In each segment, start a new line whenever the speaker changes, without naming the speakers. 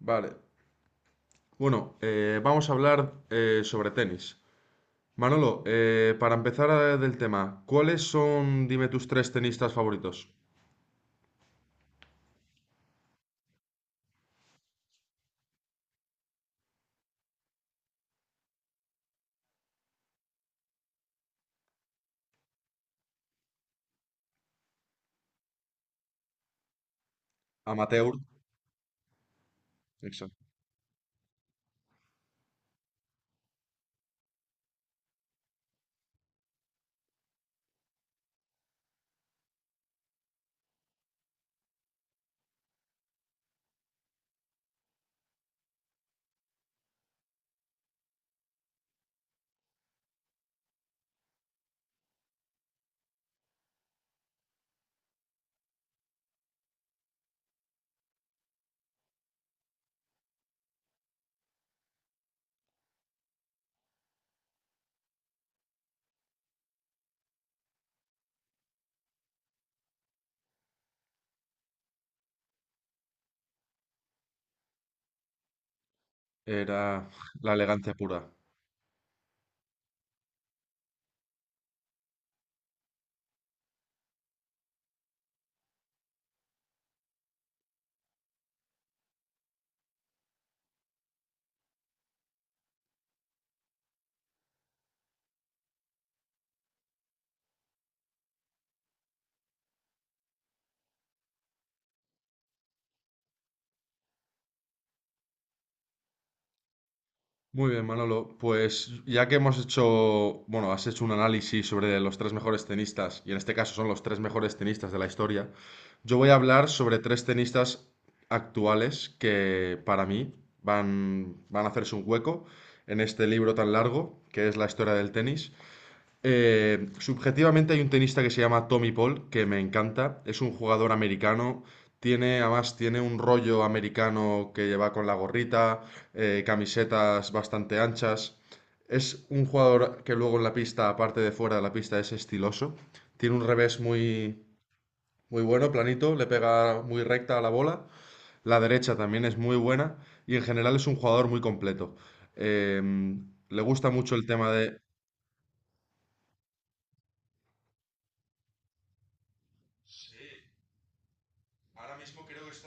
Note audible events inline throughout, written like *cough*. Vale. Bueno, vamos a hablar sobre tenis. Manolo, para empezar del tema, ¿cuáles son, dime, tus tres tenistas favoritos? Amateur. Exacto. Era la elegancia pura. Muy bien, Manolo. Pues ya que hemos hecho, bueno, has hecho un análisis sobre los tres mejores tenistas, y en este caso son los tres mejores tenistas de la historia, yo voy a hablar sobre tres tenistas actuales que para mí van a hacerse un hueco en este libro tan largo que es la historia del tenis. Subjetivamente hay un tenista que se llama Tommy Paul, que me encanta. Es un jugador americano. Tiene, además, tiene un rollo americano que lleva con la gorrita, camisetas bastante anchas. Es un jugador que luego en la pista, aparte de fuera de la pista, es estiloso. Tiene un revés muy bueno, planito, le pega muy recta a la bola. La derecha también es muy buena y en general es un jugador muy completo. Le gusta mucho el tema de...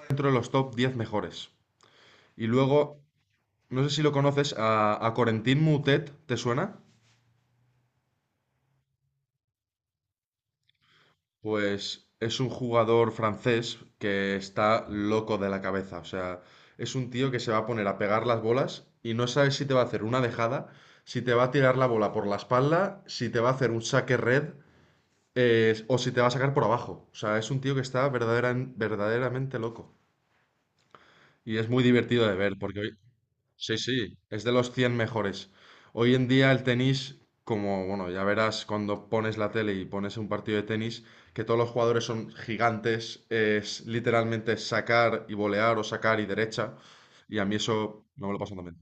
Dentro de los top 10 mejores. Y luego, no sé si lo conoces, a Corentin Moutet, ¿te suena? Pues es un jugador francés que está loco de la cabeza. O sea, es un tío que se va a poner a pegar las bolas y no sabes si te va a hacer una dejada, si te va a tirar la bola por la espalda, si te va a hacer un saque red o si te va a sacar por abajo. O sea, es un tío que está verdaderamente loco. Y es muy divertido de ver porque sí, sí, es de los 100 mejores. Hoy en día el tenis, como, bueno, ya verás cuando pones la tele y pones un partido de tenis, que todos los jugadores son gigantes, es literalmente sacar y volear o sacar y derecha, y a mí eso no me lo paso también.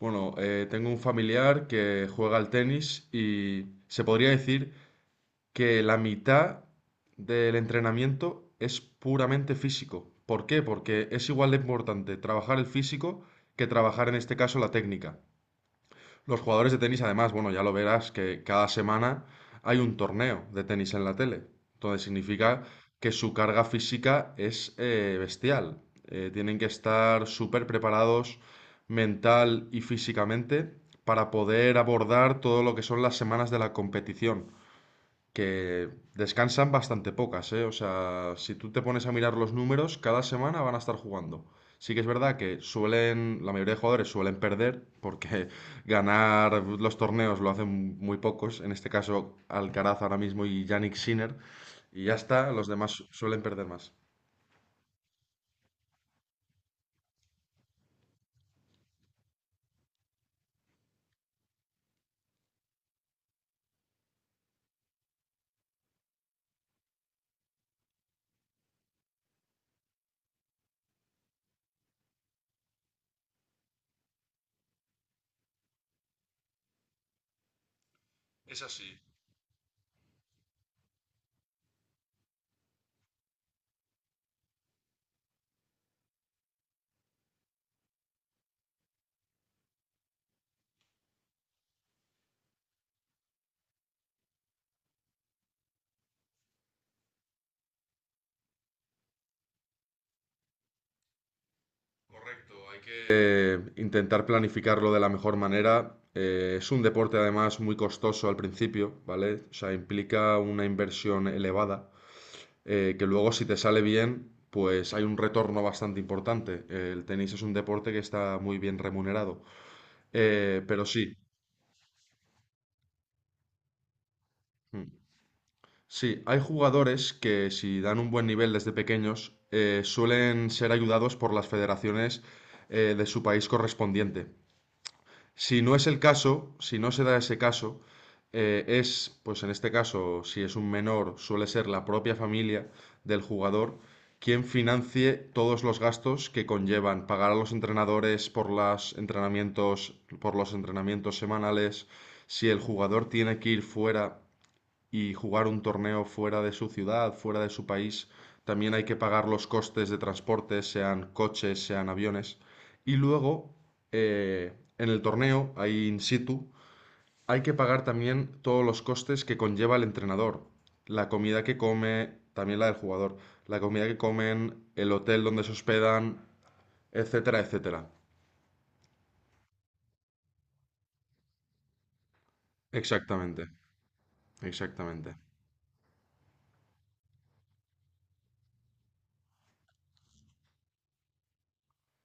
Bueno, tengo un familiar que juega al tenis y se podría decir que la mitad del entrenamiento es puramente físico. ¿Por qué? Porque es igual de importante trabajar el físico que trabajar en este caso la técnica. Los jugadores de tenis, además, bueno, ya lo verás que cada semana hay un torneo de tenis en la tele. Entonces significa que su carga física es bestial. Tienen que estar súper preparados mental y físicamente para poder abordar todo lo que son las semanas de la competición que descansan bastante pocas, ¿eh? O sea, si tú te pones a mirar los números, cada semana van a estar jugando. Sí que es verdad que suelen, la mayoría de jugadores suelen perder, porque *laughs* ganar los torneos lo hacen muy pocos, en este caso Alcaraz ahora mismo y Yannick Sinner, y ya está, los demás suelen perder más. Es así, correcto. Hay que intentar planificarlo de la mejor manera. Es un deporte además muy costoso al principio, ¿vale? O sea, implica una inversión elevada. Que luego si te sale bien, pues hay un retorno bastante importante. El tenis es un deporte que está muy bien remunerado. Pero sí, mm, sí, hay jugadores que si dan un buen nivel desde pequeños, suelen ser ayudados por las federaciones de su país correspondiente. Si no es el caso, si no se da ese caso, pues en este caso, si es un menor, suele ser la propia familia del jugador quien financie todos los gastos que conllevan pagar a los entrenadores por los entrenamientos semanales, si el jugador tiene que ir fuera y jugar un torneo fuera de su ciudad, fuera de su país, también hay que pagar los costes de transporte, sean coches, sean aviones. Y luego, eh, en el torneo, ahí in situ, hay que pagar también todos los costes que conlleva el entrenador. La comida que come, también la del jugador, la comida que comen, el hotel donde se hospedan, etcétera, etcétera. Exactamente, exactamente.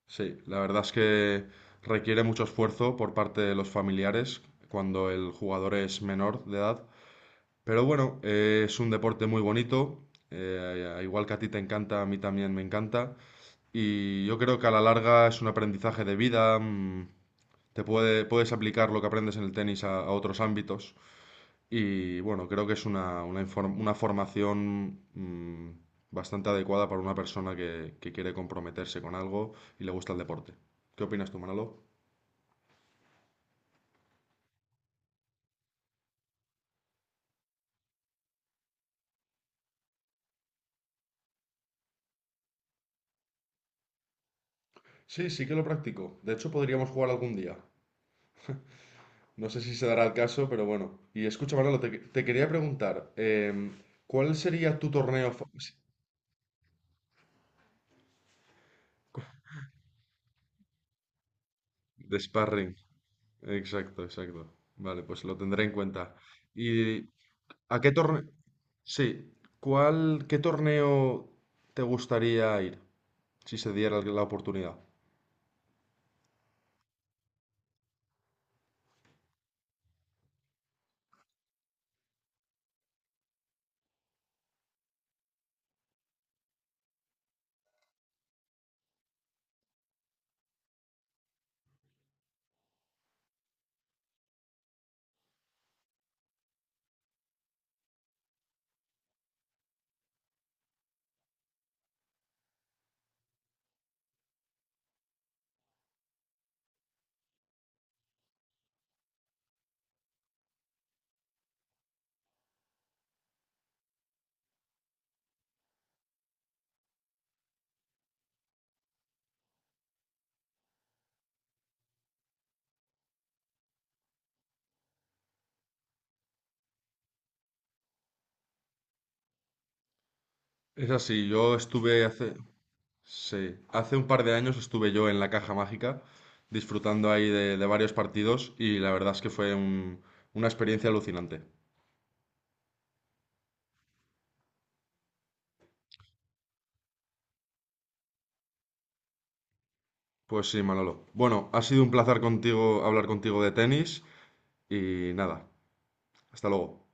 Sí, la verdad es que requiere mucho esfuerzo por parte de los familiares cuando el jugador es menor de edad. Pero bueno, es un deporte muy bonito. Igual que a ti te encanta, a mí también me encanta. Y yo creo que a la larga es un aprendizaje de vida. Te puedes aplicar lo que aprendes en el tenis a otros ámbitos. Y bueno, creo que es una, una formación bastante adecuada para una persona que quiere comprometerse con algo y le gusta el deporte. ¿Qué opinas tú, Manolo? Sí, sí que lo practico. De hecho, podríamos jugar algún día. No sé si se dará el caso, pero bueno. Y escucha, Manolo, te quería preguntar, em, ¿cuál sería tu torneo de sparring? Exacto, exacto. Vale, pues lo tendré en cuenta. ¿Y a qué torneo? Sí, ¿cuál, qué torneo te gustaría ir? Si se diera la oportunidad. Es así, yo estuve hace, sí, hace un par de años estuve yo en la Caja Mágica disfrutando ahí de varios partidos y la verdad es que fue una experiencia alucinante. Pues sí, Manolo. Bueno, ha sido un placer contigo hablar contigo de tenis y nada, hasta luego.